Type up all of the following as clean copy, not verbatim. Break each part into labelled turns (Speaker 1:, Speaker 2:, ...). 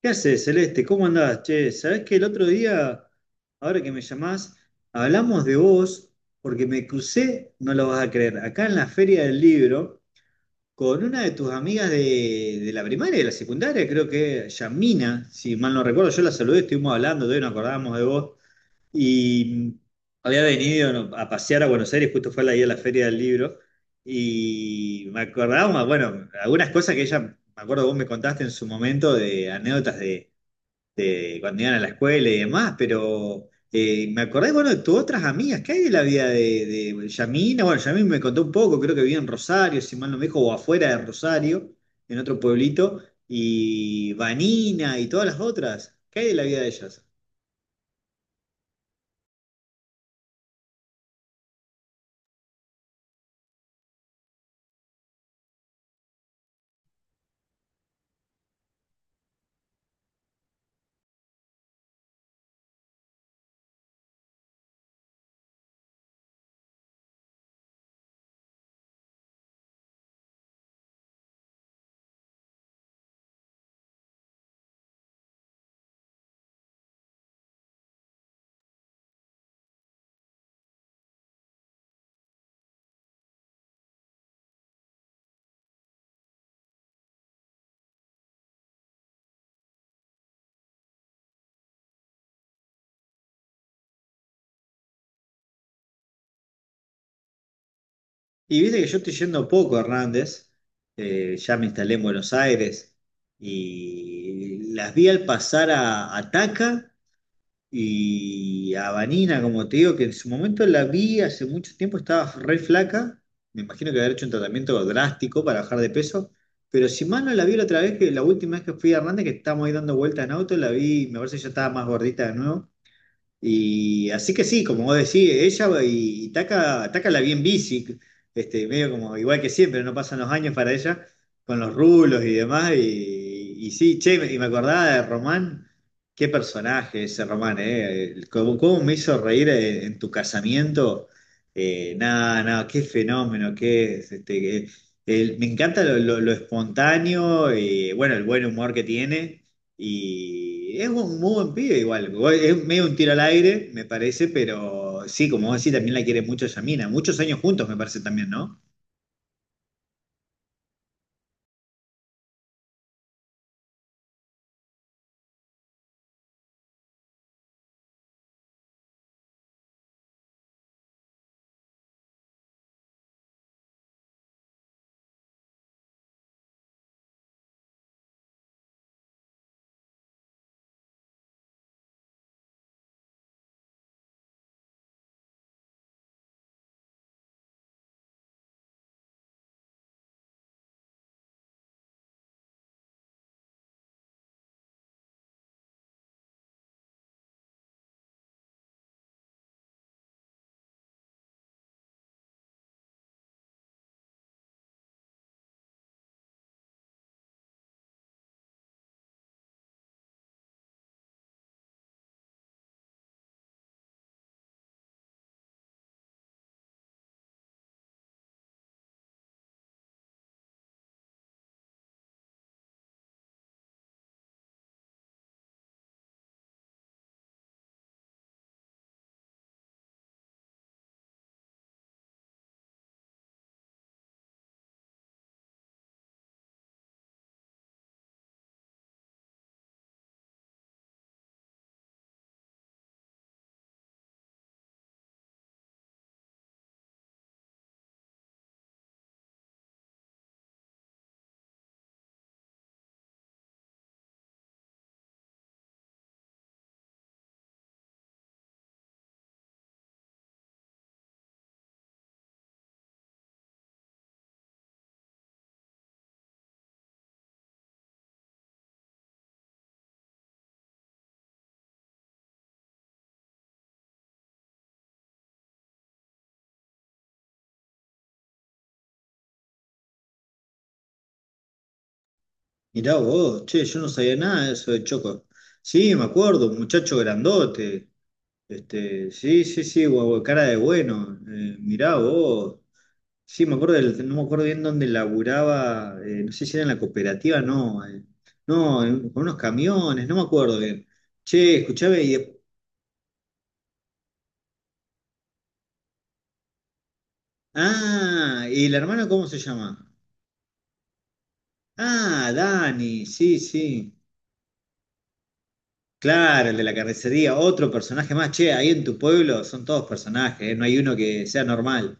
Speaker 1: ¿Qué haces, Celeste? ¿Cómo andás? Che, ¿sabés que el otro día, ahora que me llamás, hablamos de vos porque me crucé, no lo vas a creer, acá en la Feria del Libro con una de tus amigas de la primaria y de la secundaria, creo que Yamina, si mal no recuerdo? Yo la saludé, estuvimos hablando, todavía nos acordábamos de vos y había venido, ¿no?, a pasear a Buenos Aires, justo fue la día de la Feria del Libro. Y me acordábamos, bueno, algunas cosas que ella, me acuerdo, vos me contaste en su momento, de anécdotas de cuando iban a la escuela y demás. Pero me acordé, bueno, de tus otras amigas. ¿Qué hay de la vida de Yamina? Bueno, Yamina me contó un poco, creo que vivía en Rosario, si mal no me dijo, o afuera de Rosario, en otro pueblito. Y Vanina y todas las otras, ¿qué hay de la vida de ellas? Y viste que yo estoy yendo poco a Hernández, ya me instalé en Buenos Aires, y las vi al pasar a Taca. Y a Vanina, como te digo, que en su momento la vi hace mucho tiempo, estaba re flaca. Me imagino que haber hecho un tratamiento drástico para bajar de peso. Pero si mal no, la vi la otra vez, que la última vez que fui a Hernández, que estábamos ahí dando vueltas en auto, la vi, me parece que ya estaba más gordita de nuevo. Y así que sí, como vos decís, ella y Taka, Taka la bien bici, medio como igual que siempre, no pasan los años para ella, con los rulos y demás. Y sí, che, y me acordaba de Román, qué personaje ese Román, ¿eh? ¿Cómo, cómo me hizo reír en tu casamiento? Nada, nada, qué fenómeno, qué es, me encanta lo espontáneo y bueno, el buen humor que tiene. Y es un muy buen pibe igual. Es medio un tiro al aire, me parece, pero sí, como vos decís, también la quiere mucho Yamina. Muchos años juntos, me parece también, ¿no? Mirá vos, che, yo no sabía nada de eso de Choco. Sí, me acuerdo, un muchacho grandote. Sí, sí, sí, guau, cara de bueno. Mirá vos. Sí, me acuerdo no me acuerdo bien dónde laburaba, no sé si era en la cooperativa. No. No, en- Con unos camiones, no me acuerdo bien. Che, escuchame, y después... Ah, ¿y el hermano cómo se llama? Ah, Dani, sí, sí. Claro, el de la carnicería, otro personaje más. Che, ahí en tu pueblo son todos personajes, ¿eh? No hay uno que sea normal.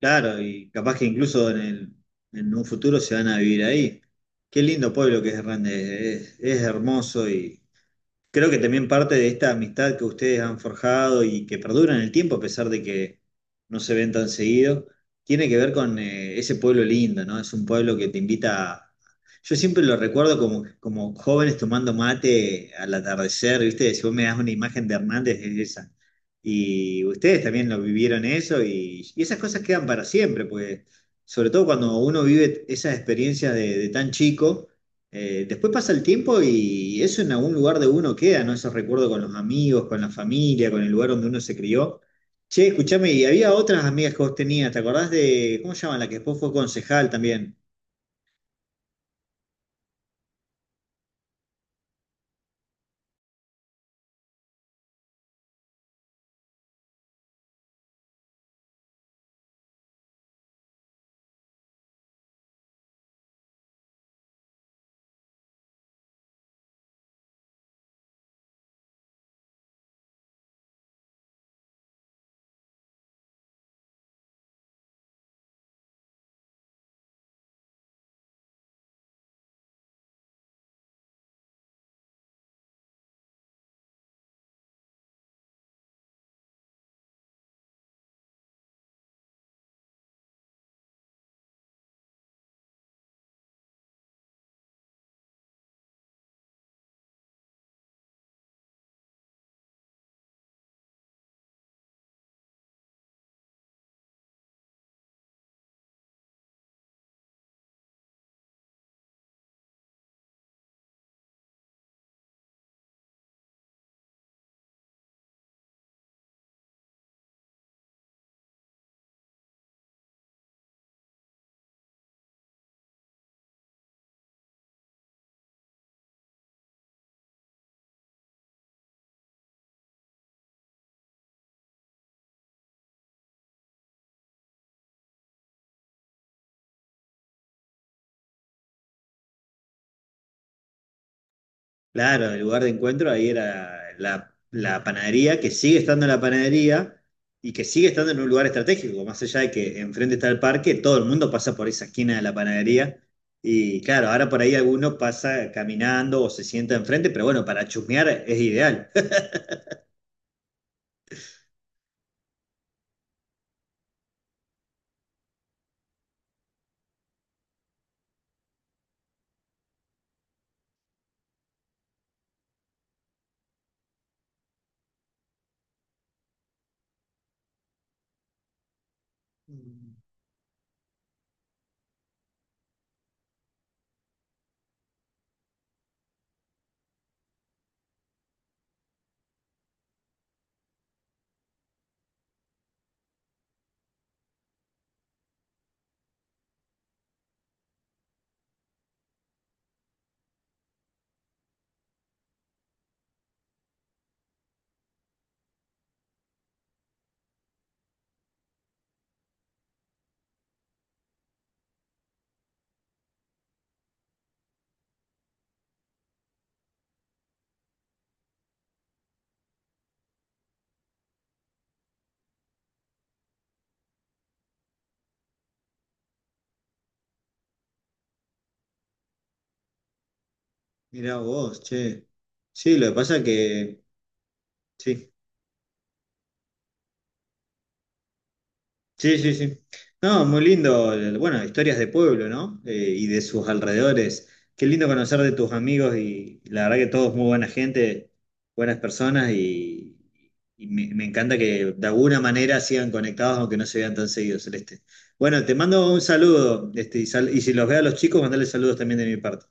Speaker 1: Claro, y capaz que incluso en en un futuro se van a vivir ahí. Qué lindo pueblo que es Hernández, es hermoso. Y creo que también parte de esta amistad que ustedes han forjado y que perdura en el tiempo, a pesar de que no se ven tan seguido, tiene que ver con ese pueblo lindo, ¿no? Es un pueblo que te invita a... Yo siempre lo recuerdo como, como jóvenes tomando mate al atardecer, ¿viste? Si vos me das una imagen de Hernández, es esa. Y ustedes también lo vivieron eso, y esas cosas quedan para siempre, pues sobre todo cuando uno vive esas experiencias de tan chico, después pasa el tiempo y eso en algún lugar de uno queda, ¿no? Ese recuerdo con los amigos, con la familia, con el lugar donde uno se crió. Che, escuchame, y había otras amigas que vos tenías, ¿te acordás de, ¿cómo se llaman? La que después fue concejal también. Claro, el lugar de encuentro ahí era la panadería, que sigue estando en la panadería y que sigue estando en un lugar estratégico, más allá de que enfrente está el parque, todo el mundo pasa por esa esquina de la panadería. Y claro, ahora por ahí alguno pasa caminando o se sienta enfrente, pero bueno, para chusmear es ideal. Mirá vos, che. Sí, lo que pasa que... Sí, sí, sí, sí. No, muy lindo. Bueno, historias de pueblo, ¿no? Y de sus alrededores. Qué lindo conocer de tus amigos, y la verdad que todos muy buena gente, buenas personas, y me, me encanta que de alguna manera sigan conectados aunque no se vean tan seguidos, Celeste. Bueno, te mando un saludo, y, y si los veo a los chicos, mandale saludos también de mi parte.